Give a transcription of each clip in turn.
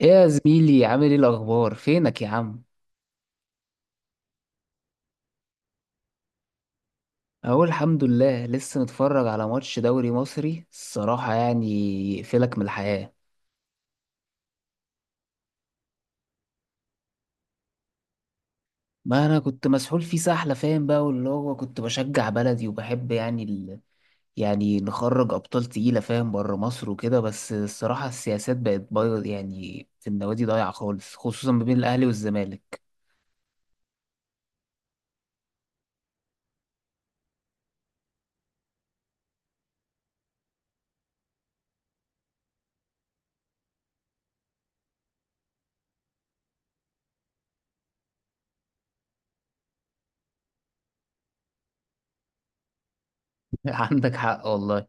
ايه يا زميلي، عامل ايه؟ الاخبار؟ فينك يا عم؟ اقول الحمد لله. لسه متفرج على ماتش دوري مصري الصراحه يقفلك من الحياه. ما انا كنت مسحول فيه سحله، فاهم بقى. واللي هو كنت بشجع بلدي وبحب يعني نخرج ابطال تقيله فاهم، بره مصر وكده. بس الصراحه السياسات بقت بايظ يعني، في النوادي ضايعه خالص، خصوصا ما بين الاهلي والزمالك. عندك حق والله.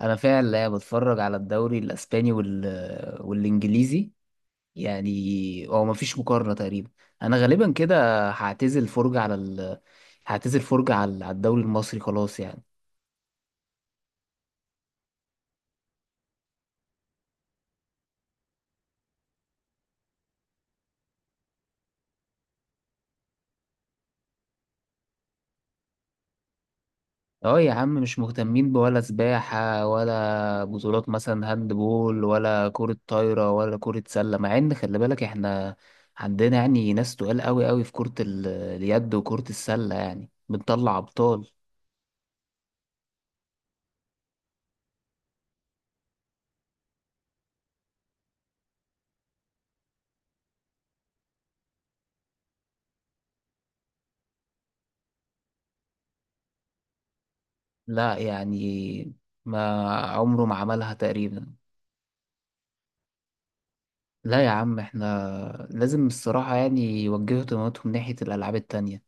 انا فعلا بتفرج على الدوري الاسباني والانجليزي، يعني هو مفيش مقارنة تقريبا. انا غالبا كده هعتزل فرجة على ال... هعتزل فرجة على الدوري المصري خلاص يعني. اه يا عم، مش مهتمين بولا سباحة، ولا بطولات مثلا هاند بول، ولا كرة طايرة، ولا كرة سلة، مع ان خلي بالك احنا عندنا يعني ناس تقال قوي في اليد وكرة السلة، يعني بنطلع ابطال. لا يعني، ما عمره ما عملها تقريبا. لا يا عم، احنا لازم الصراحة يعني يوجهوا اهتماماتهم ناحية الألعاب التانية.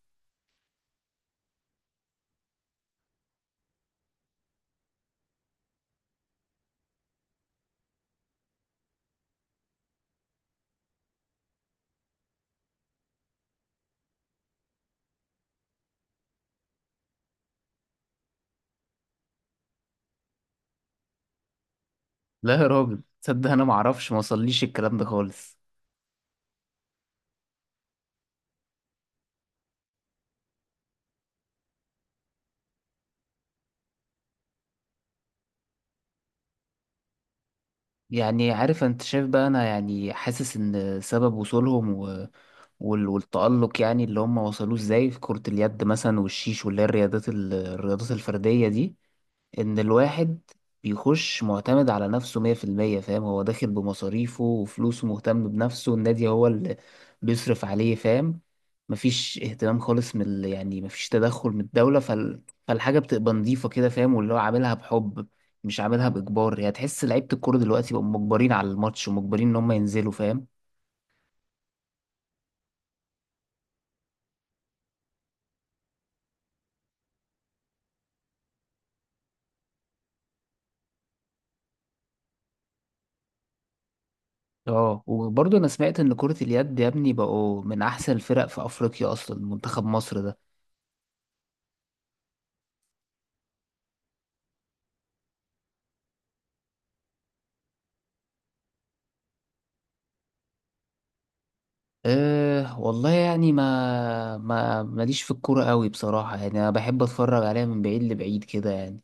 لا يا راجل، تصدق أنا معرفش؟ موصليش الكلام ده خالص. يعني عارف أنت، شايف بقى، أنا يعني حاسس إن سبب وصولهم والتألق يعني اللي هم وصلوه إزاي في كرة اليد مثلا والشيش، واللي هي الرياضات الفردية دي، ان الواحد بيخش معتمد على نفسه 100% فاهم. هو داخل بمصاريفه وفلوسه، مهتم بنفسه، النادي هو اللي بيصرف عليه فاهم. مفيش اهتمام خالص من يعني مفيش تدخل من الدولة. فالحاجة بتبقى نظيفة كده فاهم، واللي هو عاملها بحب، مش عاملها بإجبار. يعني تحس لعيبة الكورة دلوقتي بقوا مجبرين على الماتش، ومجبرين إن هم ينزلوا فاهم. اه وبرضه أنا سمعت إن كرة اليد يا ابني بقوا من أحسن الفرق في أفريقيا أصلا، منتخب مصر ده. أه والله يعني ما ما ماليش في الكورة قوي بصراحة، يعني أنا بحب أتفرج عليها من بعيد لبعيد كده يعني.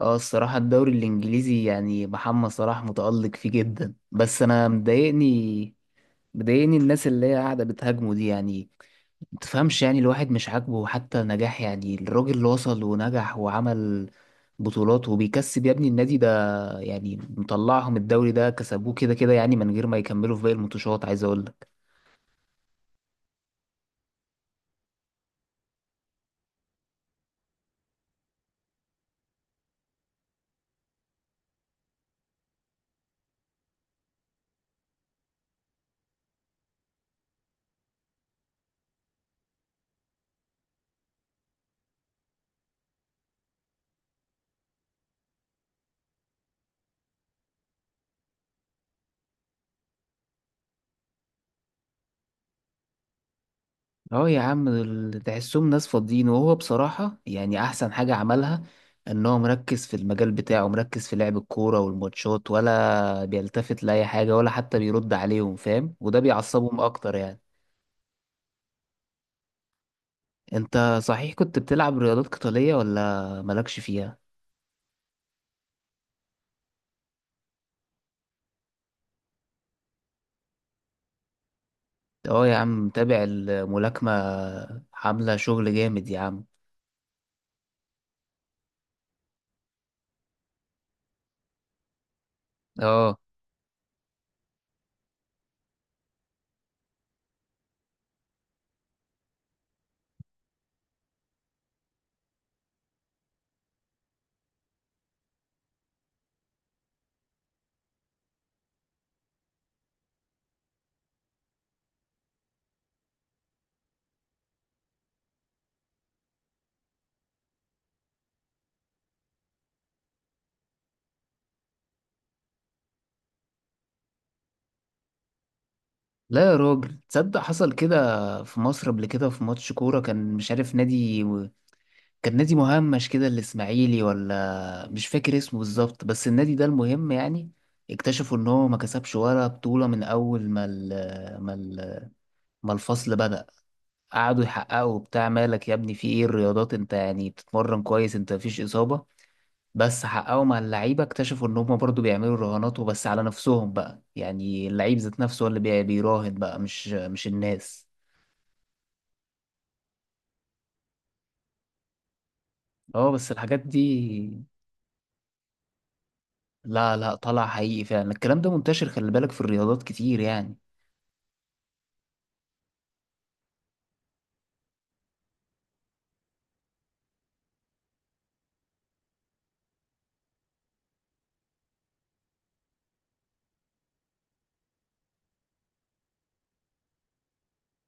اه الصراحة الدوري الإنجليزي، يعني محمد صلاح متألق فيه جدا، بس أنا مضايقني الناس اللي هي قاعدة بتهاجمه دي يعني. متفهمش، يعني الواحد مش عاجبه حتى نجاح، يعني الراجل اللي وصل ونجح وعمل بطولات وبيكسب يا ابني. النادي ده يعني مطلعهم، الدوري ده كسبوه كده يعني من غير ما يكملوا في باقي الماتشات، عايز أقول. اه يا عم، دول تحسهم ناس فاضيين. وهو بصراحة يعني أحسن حاجة عملها إن هو مركز في المجال بتاعه، مركز في لعب الكورة والماتشات، ولا بيلتفت لأي حاجة، ولا حتى بيرد عليهم فاهم، وده بيعصبهم أكتر يعني. أنت صحيح كنت بتلعب رياضات قتالية ولا مالكش فيها؟ اه يا عم، متابع الملاكمة، عاملة شغل جامد يا عم. اه. لا يا راجل تصدق، حصل كده في مصر قبل كده في ماتش كورة، كان مش عارف نادي، كان نادي مهمش كده، الاسماعيلي ولا مش فاكر اسمه بالظبط، بس النادي ده المهم يعني اكتشفوا ان هو ما كسبش ولا بطولة من اول ما ال ما ال ما الفصل بدأ. قعدوا يحققوا بتاع، مالك يا ابني؟ في ايه الرياضات؟ انت يعني بتتمرن كويس؟ انت مفيش اصابة؟ بس حققوا مع اللعيبة، اكتشفوا ان هما برضو بيعملوا رهانات، وبس على نفسهم بقى، يعني اللعيب ذات نفسه هو اللي بيراهن بقى، مش الناس. اه بس الحاجات دي. لا لا، طلع حقيقي فعلا، الكلام ده منتشر، خلي بالك في الرياضات كتير يعني.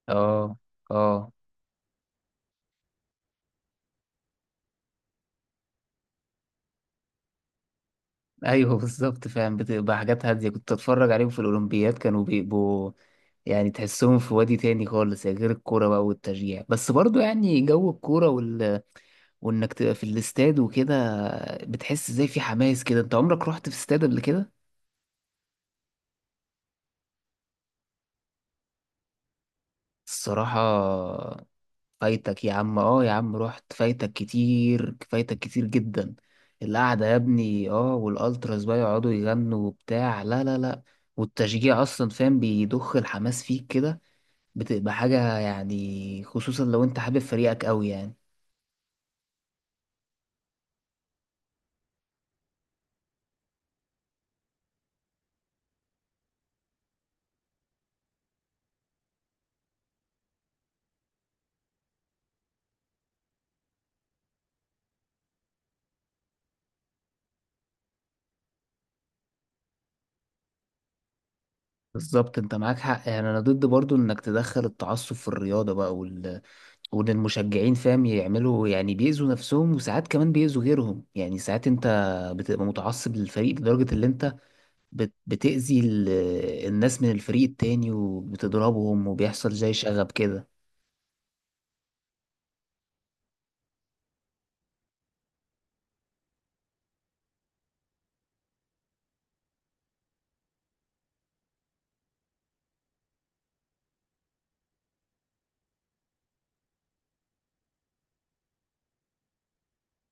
اه. اه. ايوه. بالظبط، فعلا بتبقى حاجات هادية، كنت اتفرج عليهم في الاولمبياد، كانوا بيبقوا يعني تحسهم في وادي تاني خالص يعني، غير الكورة بقى والتشجيع. بس برضو يعني جو الكورة، وانك تبقى في الاستاد وكده، بتحس زي في حماس كده. انت عمرك رحت في استاد قبل كده؟ الصراحة فايتك يا عم، اه يا عم رحت، فايتك كتير، فايتك كتير جدا. القعدة يا ابني، اه، والالتراس بقى يقعدوا يغنوا وبتاع، لا لا لا، والتشجيع اصلا فاهم بيضخ الحماس فيك كده، بتبقى حاجة يعني، خصوصا لو انت حابب فريقك قوي يعني. بالظبط، انت معاك حق. يعني انا ضد برضو انك تدخل التعصب في الرياضة، وان المشجعين فاهم يعملوا، يعني بيأذوا نفسهم، وساعات كمان بيأذوا غيرهم. يعني ساعات انت بتبقى متعصب للفريق لدرجة اللي انت بتأذي الناس من الفريق التاني، وبتضربهم، وبيحصل زي شغب كده.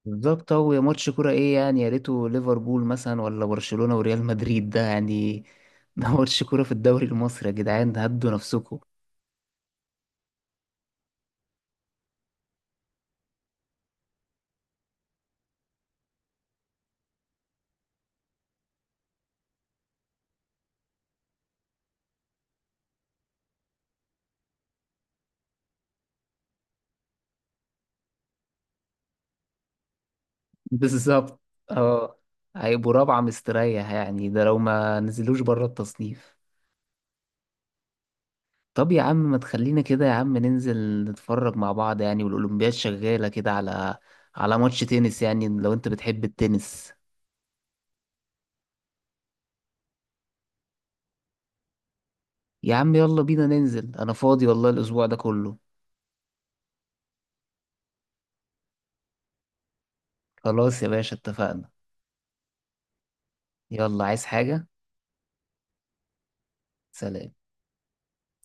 بالظبط، هو يا ماتش كورة ايه يعني؟ يا ريته ليفربول مثلا، ولا برشلونة وريال مدريد ده يعني. ده ماتش كورة في الدوري المصري يا جدعان، هدوا نفسكم. بالظبط. اه. هيبقوا رابعة مستريح يعني، ده لو ما نزلوش بره التصنيف. طب يا عم، ما تخلينا كده يا عم ننزل نتفرج مع بعض، يعني والأولمبياد شغالة كده، على على ماتش تنس يعني لو انت بتحب التنس. يا عم يلا بينا ننزل، انا فاضي والله الاسبوع ده كله. خلاص يا باشا، اتفقنا. يلا، عايز حاجة؟ سلام.